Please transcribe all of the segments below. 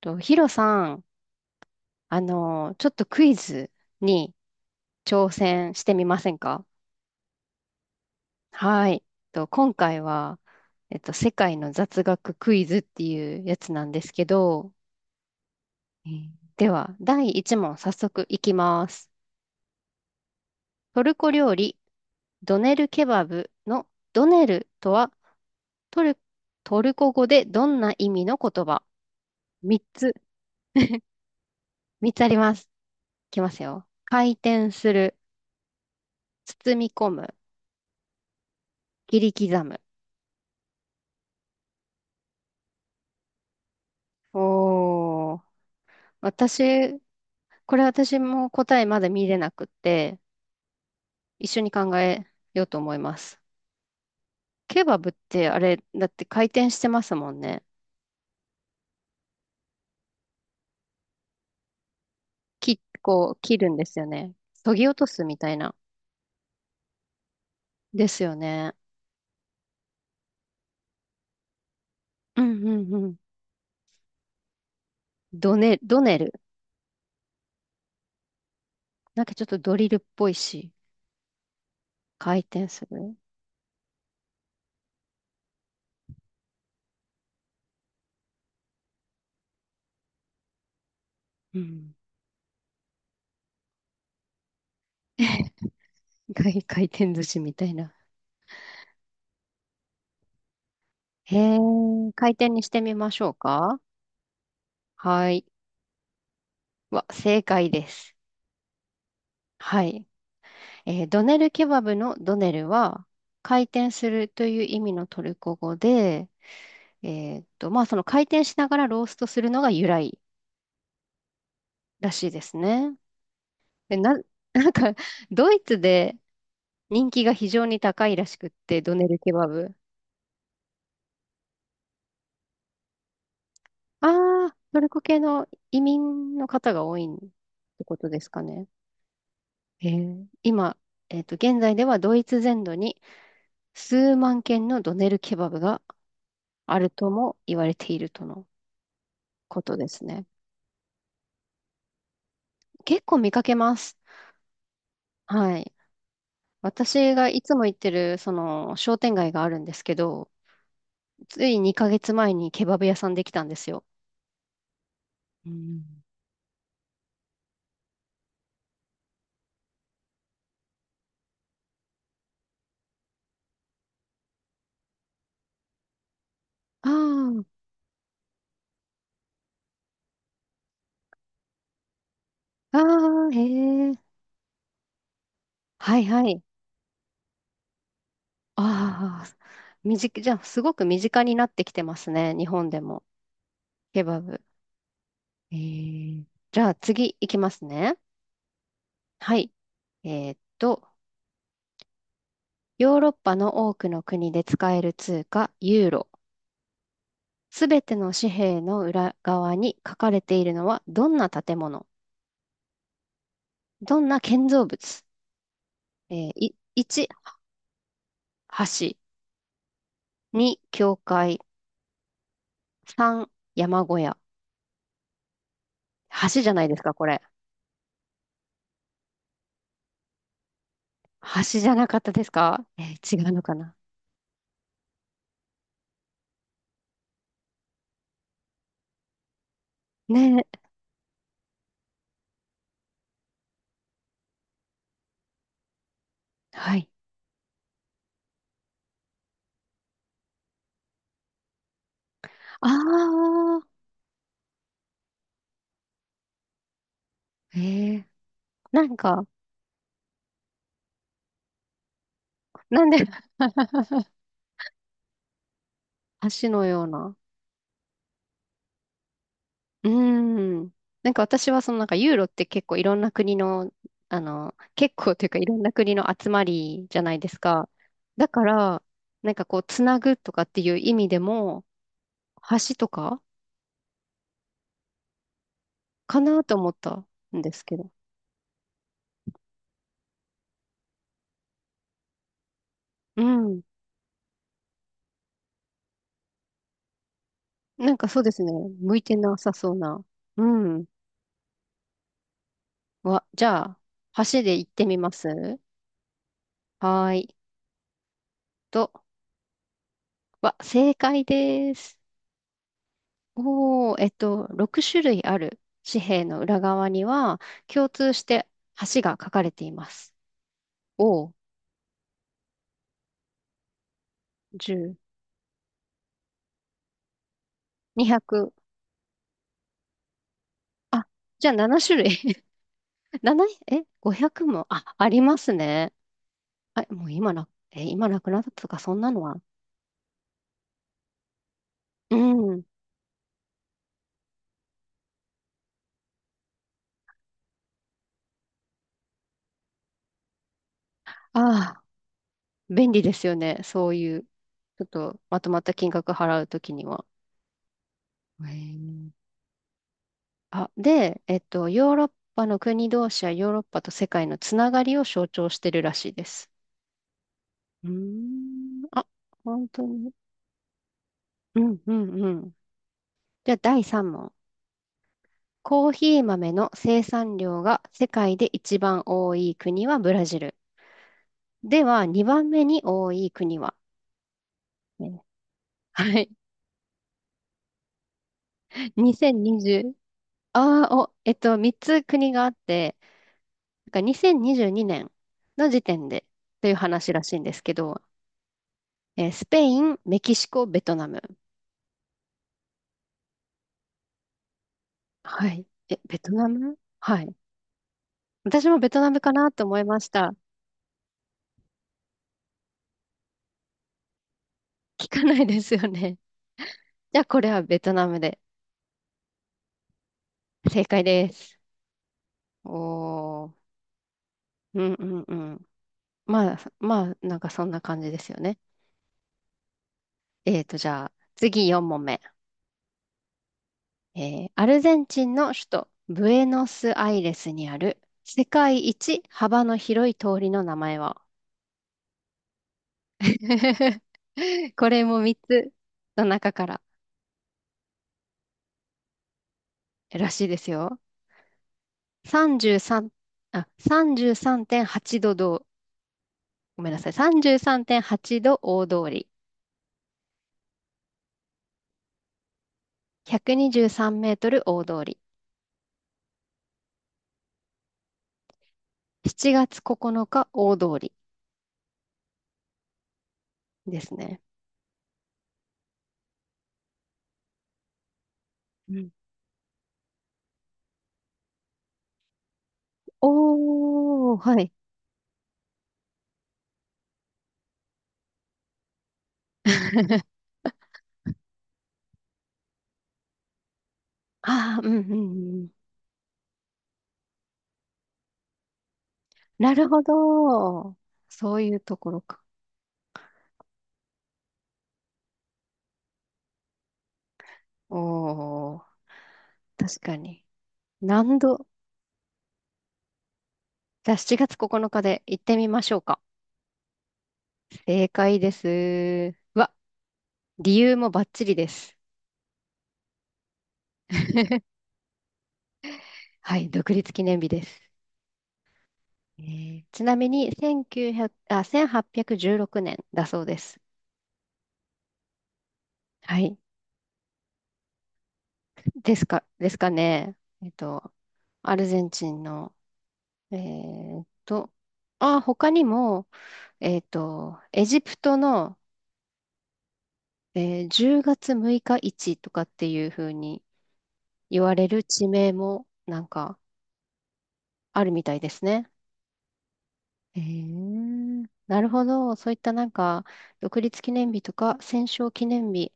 と、ヒロさん、ちょっとクイズに挑戦してみませんか？はい。と、今回は、世界の雑学クイズっていうやつなんですけど、えーでは、第1問早速いきます。トルコ料理、ドネルケバブのドネルとはトル、トルコ語でどんな意味の言葉？ 3 つ、3つあります。いきますよ。回転する、包み込む、切り刻む。おー。私、これ私も答えまだ見れなくって、一緒に考えようと思います。ケバブってあれ、だって回転してますもんね。こう、切るんですよね。削ぎ落とすみたいな。ですよね。うんうんうん。ドネル。なんかちょっとドリルっぽいし、回転する。うん。回転寿司みたいな。へえ、回転にしてみましょうか。はい。わ、正解です。はい。ドネルケバブのドネルは回転するという意味のトルコ語で、まあその回転しながらローストするのが由来らしいですね。で、なんかドイツで人気が非常に高いらしくって、ドネルケバブ。ああ、トルコ系の移民の方が多いってことですかね。えー今、えーっと、現在ではドイツ全土に数万件のドネルケバブがあるとも言われているとのことですね。結構見かけます。はい。私がいつも行ってる、その、商店街があるんですけど、つい2ヶ月前にケバブ屋さんできたんですよ。うん。ああ、ああ、へえ。はいはい。ああ、じゃあ、すごく身近になってきてますね。日本でも。ケバブ。えー、じゃあ、次行きますね。はい。えーっと、ヨーロッパの多くの国で使える通貨、ユーロ。すべての紙幣の裏側に書かれているのはどんな建物、どんな建造物、えーい1、橋、2、教会、3、山小屋。橋じゃないですか、これ。橋じゃなかったですか？違うのかな？ねえ、はい。ああ、えー、なんか、なんで 橋のような、うーん。なんか私はそのなんかユーロって結構いろんな国の、結構というかいろんな国の集まりじゃないですか。だから、なんかこう、つなぐとかっていう意味でも、橋とかかなと思ったんですけど。うん。なんかそうですね。向いてなさそうな。うん。わ、じゃあ、橋で行ってみます。はーい。と、わ、正解です。おー、6種類ある紙幣の裏側には、共通して橋が書かれています。お、10、200、にひゃく、あ、じゃあ7種類。7、え、500も、あ、ありますね。あ、もう今なくなったとか、そんなのは。うん。ああ、便利ですよね。そういう、ちょっとまとまった金額払うときには。へえ、あ、で、ヨーロッパの国同士やヨーロッパと世界のつながりを象徴してるらしいです。うーん。あ、本当に。うんうんうん。じゃあ第3問。コーヒー豆の生産量が世界で一番多い国はブラジル。では2番目に多い国はね？はい。2020。ああ、お、3つ国があって、なんか2022年の時点でという話らしいんですけど、スペイン、メキシコ、ベトナム。はい。え、ベトナム、はい。私もベトナムかなと思いました。聞かないですよね。じゃあ、これはベトナムで。正解です。おー。うんうんうん。まあ、まあ、なんかそんな感じですよね。じゃあ、次4問目。アルゼンチンの首都、ブエノスアイレスにある、世界一幅の広い通りの名前は？ これも3つの中かららしいですよ。33、あ、33.8度どどう、ごめんなさい。33.8度大通り。123メートル大通り。7月9日大通りですね。うん。おー、はい。ああ、うんうんうん。なるほど。そういうところか。おー、確かに。何度じゃあ7月9日で行ってみましょうか。正解です。うわ、理由もバッチリです。はい、独立記念日です。ちなみに1900、あ、1816年だそうです。はい。ですか、ですかね。えっと、アルゼンチンの、えーっと、あ、他にも、エジプトの、10月6日市とかっていう風に言われる地名もなんかあるみたいですね。なるほど。そういったなんか、独立記念日とか戦勝記念日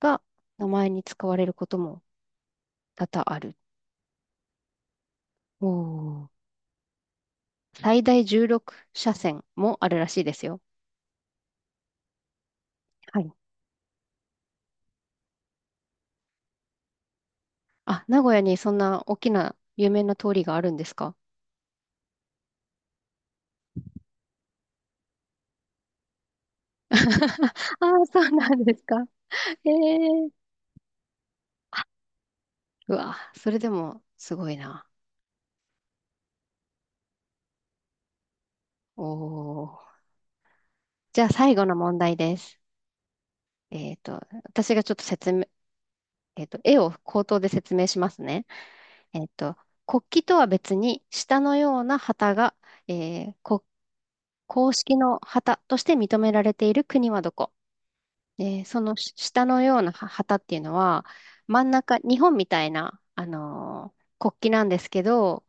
が名前に使われることも多々ある。おー、最大16車線もあるらしいですよ。はい、あ、名古屋にそんな大きな有名な通りがあるんですか？ ああ、そうなんですか。ええ、うわ、それでもすごいな。おお。じゃあ最後の問題です。えっと、私がちょっと説明、絵を口頭で説明しますね。えっと、国旗とは別に下のような旗が、えー、こ公式の旗として認められている国はどこで、そのし下のようなは旗っていうのは、真ん中、日本みたいな、国旗なんですけど、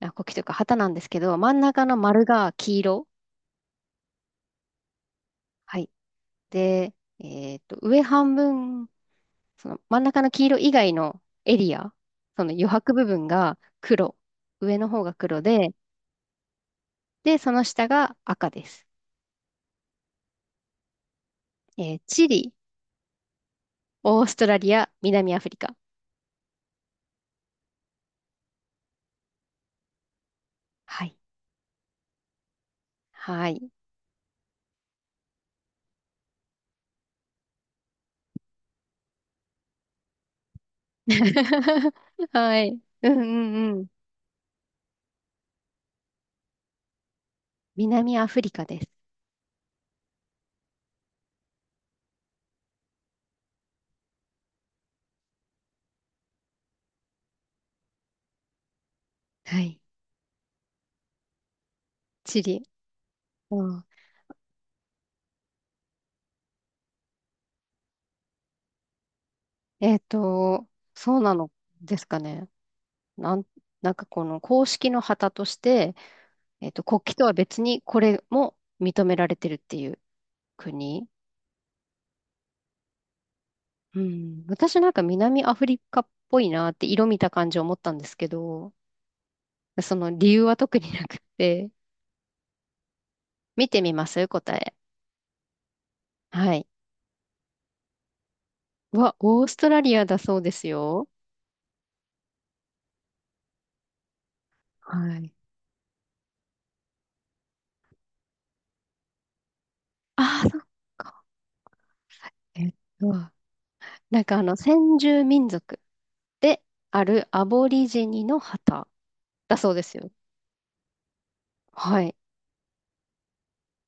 あ、国旗というか旗なんですけど、真ん中の丸が黄色。はい。で、上半分、その真ん中の黄色以外のエリア、その余白部分が黒。上の方が黒で、その下が赤です。チリ、オーストラリア、南アフリカ。はい。はい。はい。うんうんうん。南アフリカです。はい。チリ。うん。えっと、そうなのですかね。なん、なんかこの公式の旗として、国旗とは別にこれも認められてるっていう国。うん。私なんか南アフリカっぽいなって色見た感じ思ったんですけど、その理由は特になくて、見てみます答え。はい。うわ、オーストラリアだそうですよ。はい。ああ、そっか。えっと、なんか、先住民族であるアボリジニの旗だそうですよ。はい。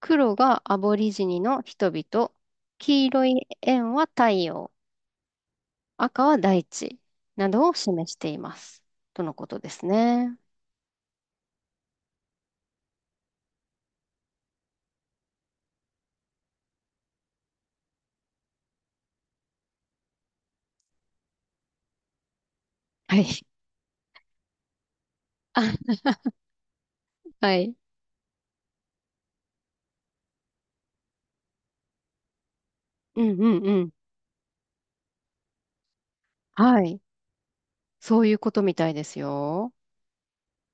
黒がアボリジニの人々、黄色い円は太陽、赤は大地などを示しています。とのことですね。はい。あ、はい。うんうんうん。はい。そういうことみたいですよ。